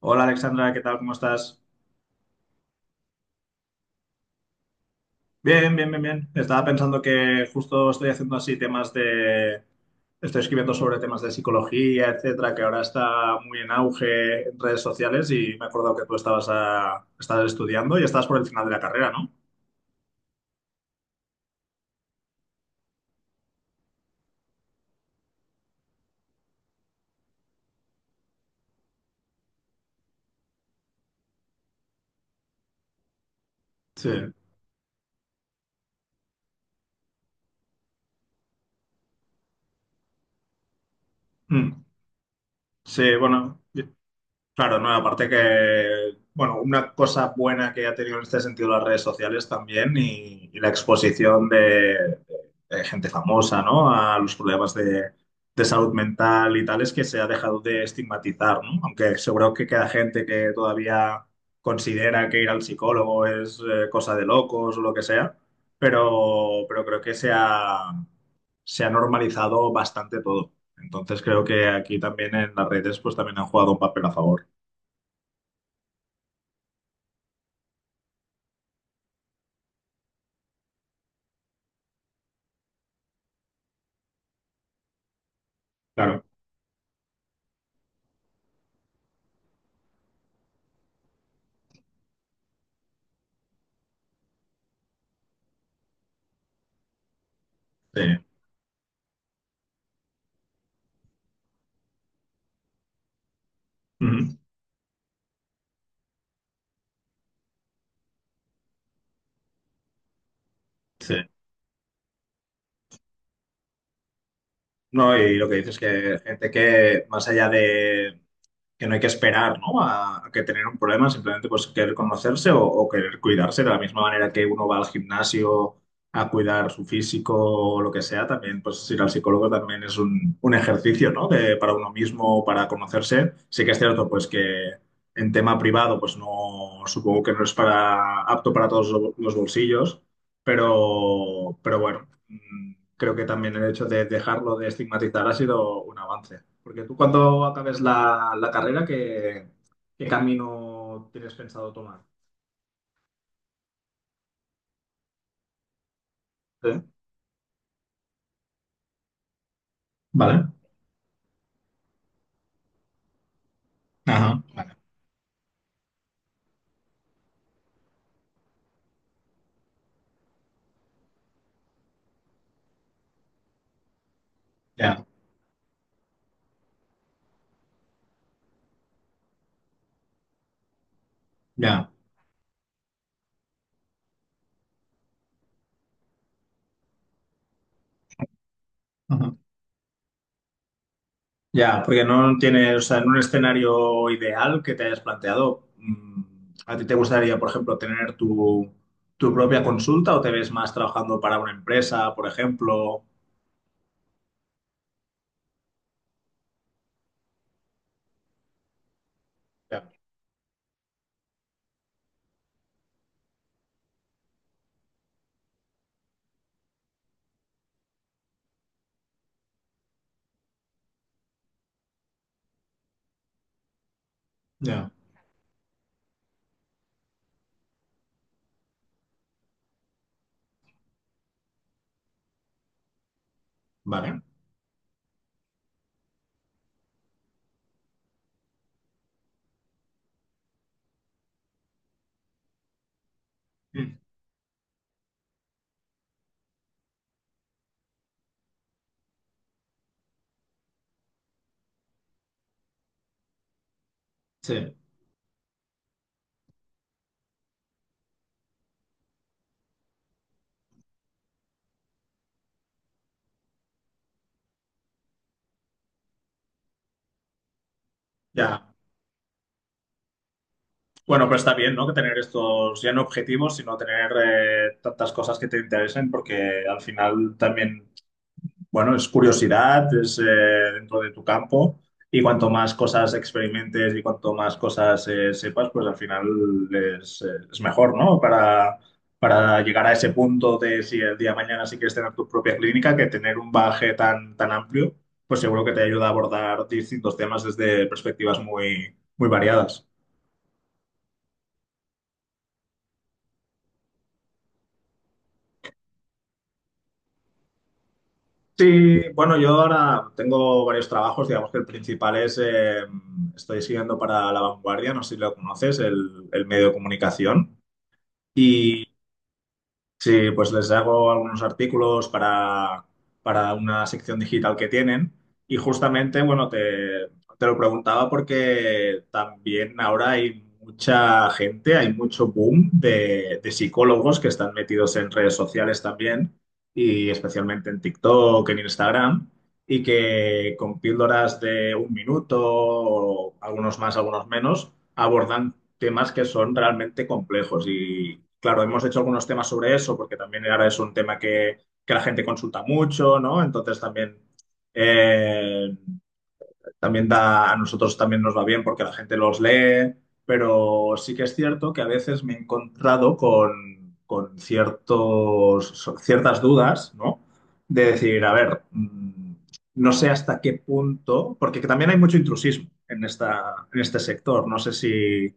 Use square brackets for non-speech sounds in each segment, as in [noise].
Hola Alexandra, ¿qué tal? ¿Cómo estás? Bien, bien, bien, bien. Estaba pensando que justo estoy haciendo así temas de... Estoy escribiendo sobre temas de psicología, etcétera, que ahora está muy en auge en redes sociales y me he acordado que tú estabas estudiando y estabas por el final de la carrera, ¿no? Sí. Mm. Sí, bueno. Claro, no, aparte que, bueno, una cosa buena que ha tenido en este sentido las redes sociales también y la exposición de gente famosa, ¿no? A los problemas de salud mental y tal, es que se ha dejado de estigmatizar, ¿no? Aunque seguro que queda gente que todavía considera que ir al psicólogo es cosa de locos o lo que sea, pero creo que se ha normalizado bastante todo. Entonces creo que aquí también en las redes pues también han jugado un papel a favor. Claro, sí. Ujú, sí. No, y lo que dices es que gente que más allá de que no hay que esperar, ¿no? A que tener un problema, simplemente pues querer conocerse o querer cuidarse de la misma manera que uno va al gimnasio a cuidar su físico o lo que sea, también pues ir al psicólogo también es un ejercicio, ¿no? Para uno mismo, para conocerse. Sí que es cierto pues que en tema privado pues no, supongo que no es para apto para todos los bolsillos. Pero bueno, creo que también el hecho de dejarlo de estigmatizar ha sido un avance. Porque tú cuando acabes la carrera, ¿qué camino tienes pensado tomar? ¿Eh? Vale. Ajá, vale. Ya, ya. Ajá. Ya, porque no tienes, o sea, en un escenario ideal que te hayas planteado, ¿a ti te gustaría, por ejemplo, tener tu propia consulta o te ves más trabajando para una empresa, por ejemplo? Ya, ya. Vale. Mm, sí. Ya. Bueno, pero está bien, ¿no? Que tener estos ya no objetivos, sino tener tantas cosas que te interesen, porque al final también, bueno, es curiosidad, es dentro de tu campo, y cuanto más cosas experimentes y cuanto más cosas sepas, pues al final es, eh, es mejor, ¿no? Para llegar a ese punto de si el día de mañana sí quieres tener tu propia clínica, que tener un baje tan, tan amplio, pues seguro que te ayuda a abordar distintos temas desde perspectivas muy, muy variadas. Sí, bueno, yo ahora tengo varios trabajos, digamos que el principal estoy siguiendo para La Vanguardia, no sé si lo conoces, el medio de comunicación. Sí, pues les hago algunos artículos para una sección digital que tienen y justamente, bueno, te lo preguntaba porque también ahora hay mucha gente, hay mucho boom de psicólogos que están metidos en redes sociales también y especialmente en TikTok, en Instagram y que con píldoras de un minuto o algunos más, algunos menos abordan temas que son realmente complejos. Y claro, hemos hecho algunos temas sobre eso, porque también ahora es un tema que la gente consulta mucho, ¿no? Entonces eh, también da, a nosotros también nos va bien porque la gente los lee, pero sí que es cierto que a veces me he encontrado con ciertas dudas, ¿no? De decir, a ver, no sé hasta qué punto, porque que también hay mucho intrusismo en en este sector, no sé si,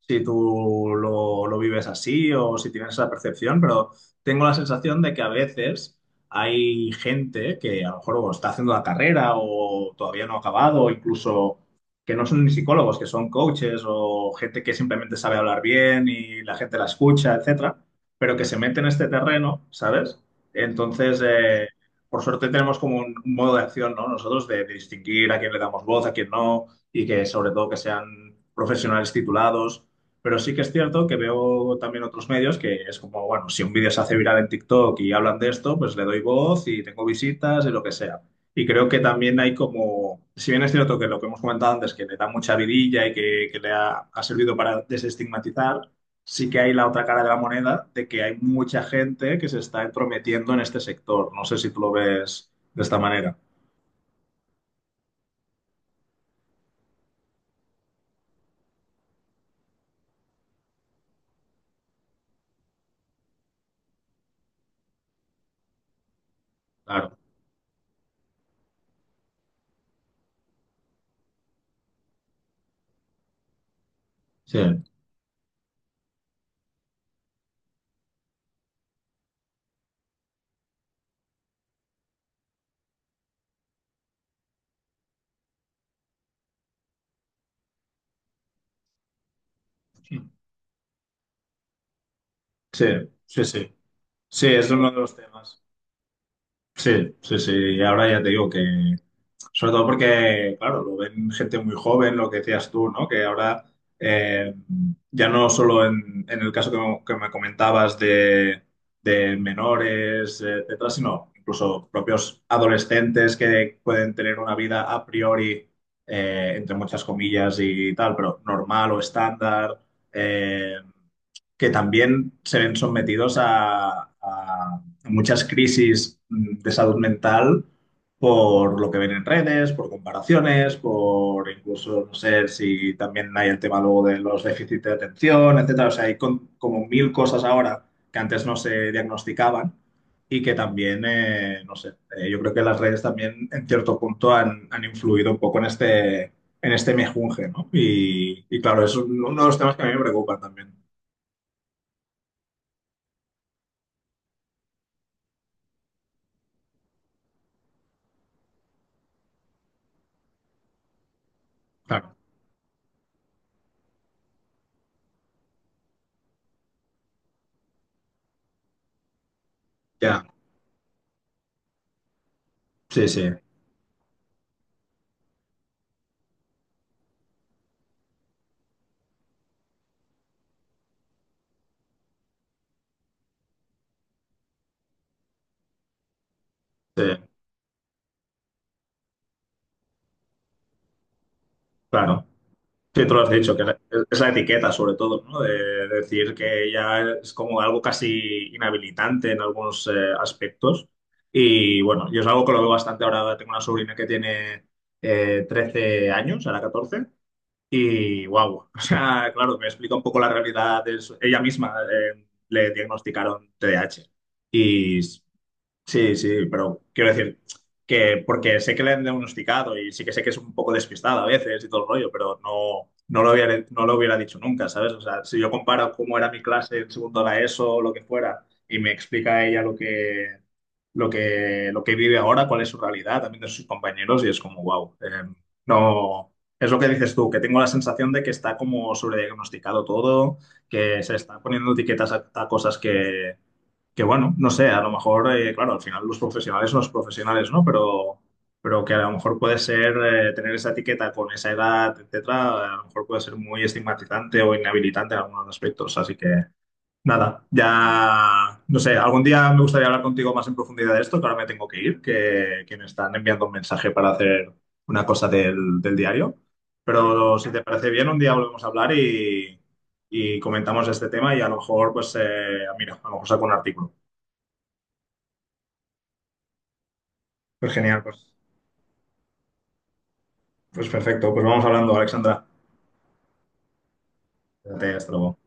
si tú lo vives así o si tienes esa percepción, pero tengo la sensación de que a veces hay gente que a lo mejor o está haciendo la carrera o todavía no ha acabado, o incluso que no son ni psicólogos, que son coaches o gente que simplemente sabe hablar bien y la gente la escucha, etcétera, pero que se mete en este terreno, ¿sabes? Entonces, por suerte tenemos como un modo de acción, ¿no? Nosotros de distinguir a quién le damos voz, a quién no, y que sobre todo que sean profesionales titulados pero sí que es cierto que veo también otros medios que es como, bueno, si un vídeo se hace viral en TikTok y hablan de esto, pues le doy voz y tengo visitas y lo que sea. Y creo que también hay como, si bien es cierto que lo que hemos comentado antes, que le da mucha vidilla y que le ha servido para desestigmatizar, sí que hay la otra cara de la moneda de que hay mucha gente que se está entrometiendo en este sector. No sé si tú lo ves de esta manera. Claro, sí, sí, sí, sí. Sí, es uno de los temas. Sí, sí, sí. Ahora ya te digo que, sobre todo porque, claro, lo ven gente muy joven, lo que decías tú, ¿no? Que ahora, eh, ya no solo en el caso que que me comentabas de menores, etcétera, sino incluso propios adolescentes que pueden tener una vida a priori, entre muchas comillas y tal, pero normal o estándar, eh, que también se ven sometidos a muchas crisis de salud mental por lo que ven en redes, por comparaciones, por incluso, no sé si también hay el tema luego de los déficits de atención, etcétera. O sea, hay como mil cosas ahora que antes no se diagnosticaban y que también, no sé, yo creo que las redes también en cierto punto han influido un poco en en este mejunje, ¿no? Y claro, es uno de los temas que a mí me preocupan también. Claro, ya, sí, sí, sí, claro. Sí, tú lo has dicho, que es la etiqueta sobre todo, ¿no? De decir que ya es como algo casi inhabilitante en algunos aspectos. Y bueno, yo es algo que lo veo bastante ahora. Tengo una sobrina que tiene 13 años, ahora 14 y wow, [laughs] o sea, claro, me explica un poco la realidad. Ella misma le diagnosticaron TDAH y s- Sí, sí, pero quiero decir que porque sé que le han diagnosticado y sí que sé que es un poco despistada a veces y todo el rollo, pero no, no lo hubiera dicho nunca, ¿sabes? O sea, si yo comparo cómo era mi clase en segundo de la ESO o lo que fuera y me explica ella lo que vive ahora, cuál es su realidad también de sus compañeros y es como, wow, no, es lo que dices tú, que tengo la sensación de que está como sobrediagnosticado todo, que se está poniendo etiquetas a cosas que bueno, no sé, a lo mejor, claro, al final los profesionales son los profesionales, ¿no? Pero que a lo mejor puede ser tener esa etiqueta con esa edad, etcétera, a lo mejor puede ser muy estigmatizante o inhabilitante en algunos aspectos. Así que nada, ya, no sé, algún día me gustaría hablar contigo más en profundidad de esto, que ahora me tengo que ir, que me están enviando un mensaje para hacer una cosa del diario. Pero si te parece bien, un día volvemos a hablar y comentamos este tema y a lo mejor, pues, mira, a lo mejor saco un artículo. Pues genial, pues perfecto. Pues vamos hablando, Alexandra. Cuídate, hasta luego.